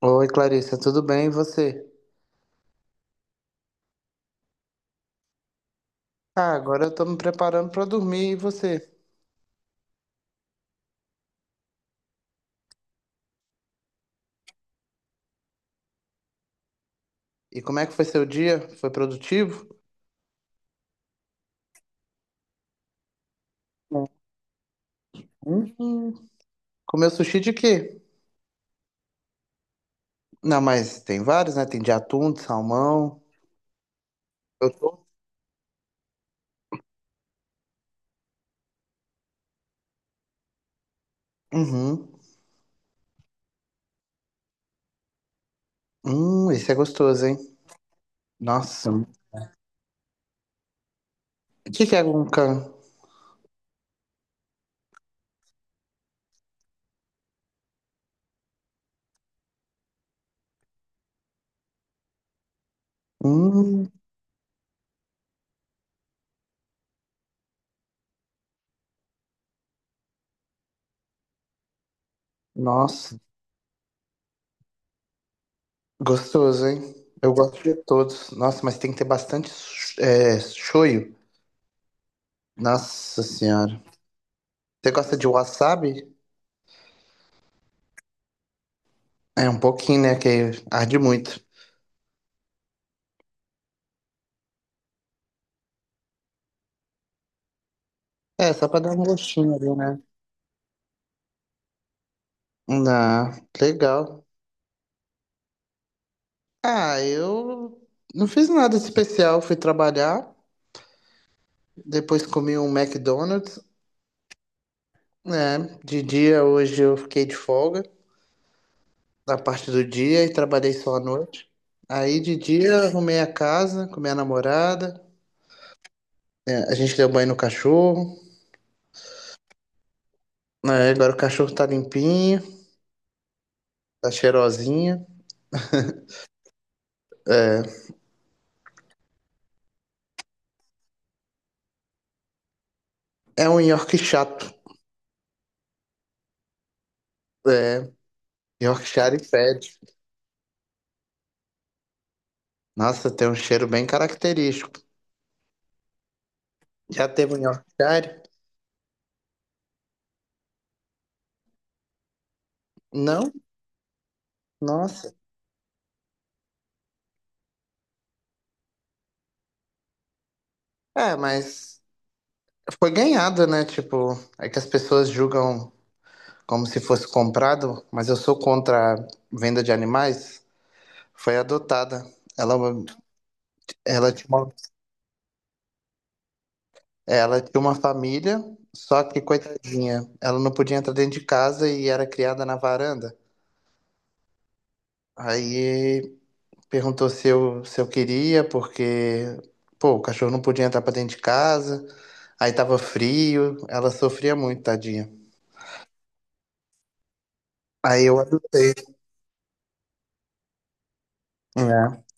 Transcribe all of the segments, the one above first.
Oi, Clarissa, tudo bem? E você? Ah, agora eu tô me preparando pra dormir. E você? E como é que foi seu dia? Foi produtivo? Hum. Comeu sushi de quê? Não, mas tem vários, né? Tem de atum, de salmão. Eu tô. Uhum. Esse é gostoso, hein? Nossa. O que que é guncan? Hum, nossa. Gostoso, hein? Eu gosto de todos. Nossa, mas tem que ter bastante, é, shoyu. Nossa senhora. Você gosta de wasabi? É um pouquinho, né? Que arde muito. É, só pra dar um gostinho ali, né? Dá. Legal. Ah, eu não fiz nada especial. Fui trabalhar, depois comi um McDonald's, né? De dia, hoje eu fiquei de folga da parte do dia e trabalhei só à noite. Aí de dia arrumei a casa com minha namorada. É, a gente deu banho no cachorro. Né, agora o cachorro tá limpinho, tá cheirosinho. É, é um York chato. É, Yorkshire fede. Nossa, tem um cheiro bem característico. Já teve um Yorkshire? Não? Nossa. É, mas foi ganhado, né? Tipo, é que as pessoas julgam como se fosse comprado, mas eu sou contra a venda de animais. Foi adotada. Ela, ela tinha uma, ela tinha uma família, só que coitadinha, ela não podia entrar dentro de casa e era criada na varanda. Aí perguntou se eu queria, porque, pô, o cachorro não podia entrar pra dentro de casa, aí tava frio, ela sofria muito, tadinha. Aí eu adotei. É,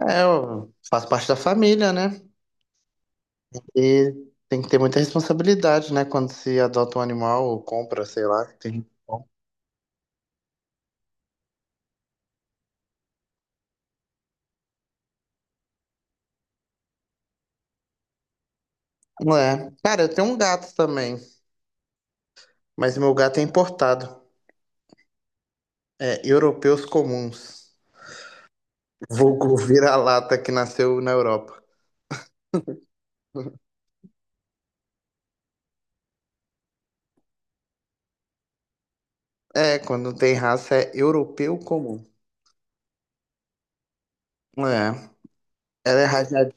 é, eu faço parte da família, né? E tem que ter muita responsabilidade, né? Quando se adota um animal ou compra, sei lá. Tem... É. Cara, eu tenho um gato também, mas meu gato é importado. É, europeus comuns. Vulgo vira-lata que nasceu na Europa. É, quando não tem raça é europeu comum. É, ela é rajada.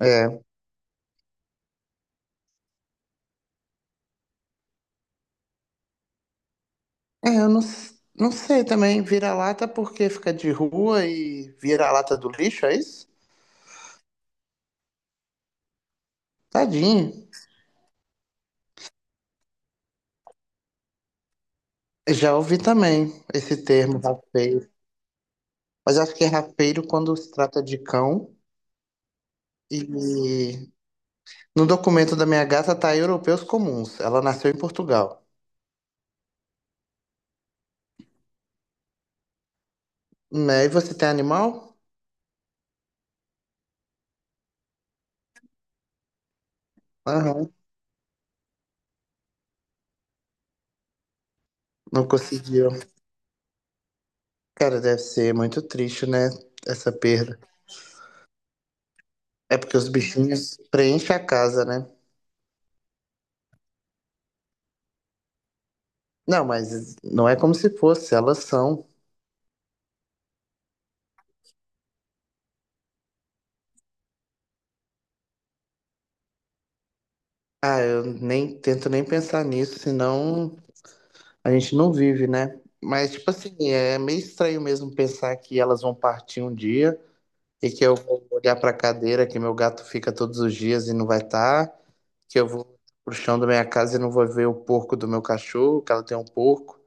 É. É, eu não, s- não sei também. Vira-lata porque fica de rua e vira-lata do lixo, é isso? Tadinho. Eu já ouvi também esse termo, rafeiro. Mas acho que é rafeiro quando se trata de cão. E no documento da minha gata tá europeus comuns. Ela nasceu em Portugal. Né? E você tem animal? Aham. Não conseguiu. Cara, deve ser muito triste, né? Essa perda. É porque os bichinhos preenchem a casa, né? Não, mas não é como se fosse, elas são. Ah, eu nem tento nem pensar nisso, senão a gente não vive, né? Mas, tipo assim, é meio estranho mesmo pensar que elas vão partir um dia e que eu vou olhar pra cadeira que meu gato fica todos os dias e não vai estar, que eu vou pro chão da minha casa e não vou ver o porco do meu cachorro, que ela tem um porco,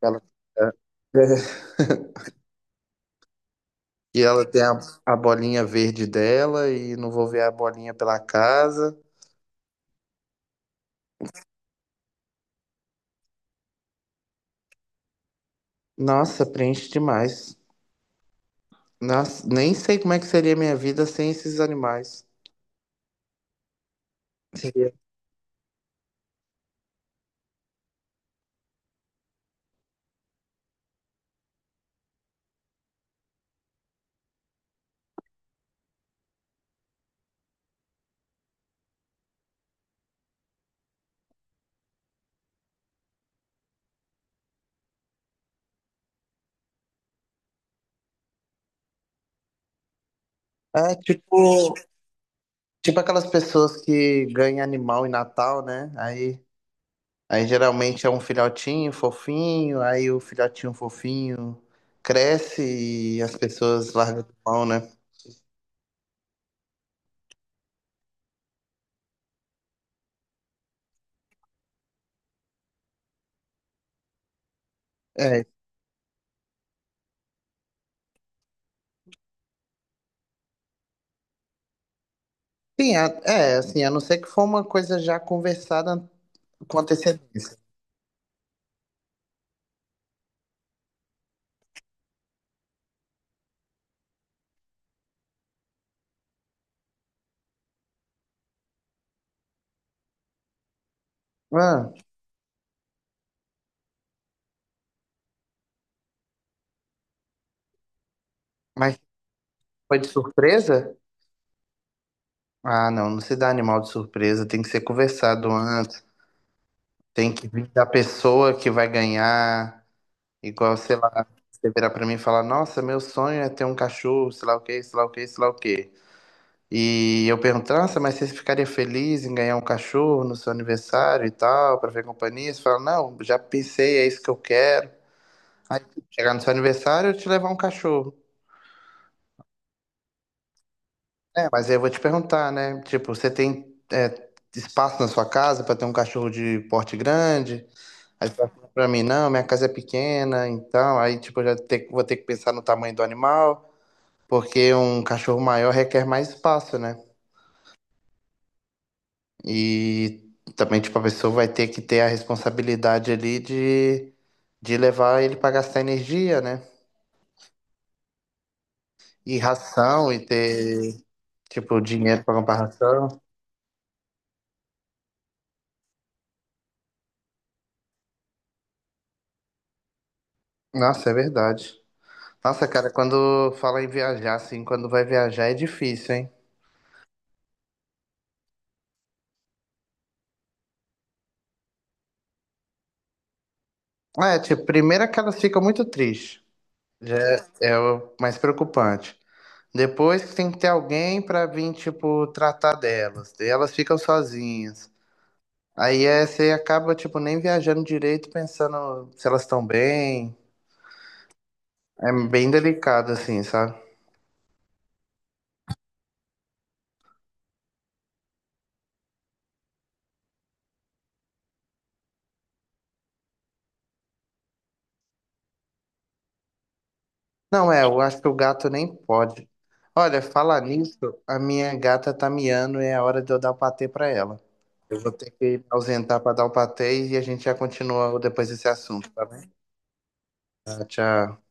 que ela, que ela tem a bolinha verde dela e não vou ver a bolinha pela casa. Nossa, preenche demais. Nossa, nem sei como é que seria minha vida sem esses animais. Seria. É tipo, tipo aquelas pessoas que ganham animal em Natal, né? Aí geralmente é um filhotinho fofinho, aí o filhotinho fofinho cresce e as pessoas largam a mão, né? É, assim, a não ser que for uma coisa já conversada com antecedência. Ah, mas foi de surpresa? Ah, não, não se dá animal de surpresa, tem que ser conversado antes. Tem que vir da pessoa que vai ganhar. Igual, sei lá, você virar pra mim e falar, nossa, meu sonho é ter um cachorro, sei lá o quê, sei lá o quê, sei lá o quê. E eu pergunto, nossa, mas você ficaria feliz em ganhar um cachorro no seu aniversário e tal, pra ver companhia? Você fala, não, já pensei, é isso que eu quero. Aí, chegar no seu aniversário, eu te levar um cachorro. É, mas aí eu vou te perguntar, né? Tipo, você tem, é, espaço na sua casa pra ter um cachorro de porte grande? Aí tu vai falar pra mim, não, minha casa é pequena, então, aí, tipo, vou ter que pensar no tamanho do animal, porque um cachorro maior requer mais espaço, né? E também, tipo, a pessoa vai ter que ter a responsabilidade ali de levar ele pra gastar energia, né? E ração, e ter, tipo, dinheiro pra comprar ração. Nossa, é verdade. Nossa, cara, quando fala em viajar, assim, quando vai viajar é difícil, hein? É, tipo, primeiro é que elas ficam muito tristes. Já é o mais preocupante. Depois tem que ter alguém para vir, tipo, tratar delas. E elas ficam sozinhas. Aí é, você acaba, tipo, nem viajando direito, pensando se elas estão bem. É bem delicado, assim, sabe? Não, é, eu acho que o gato nem pode. Olha, falar nisso, a minha gata tá miando e é hora de eu dar o patê pra ela. Eu vou ter que me ausentar pra dar o patê e a gente já continua depois desse assunto, tá bem? Tá, tchau.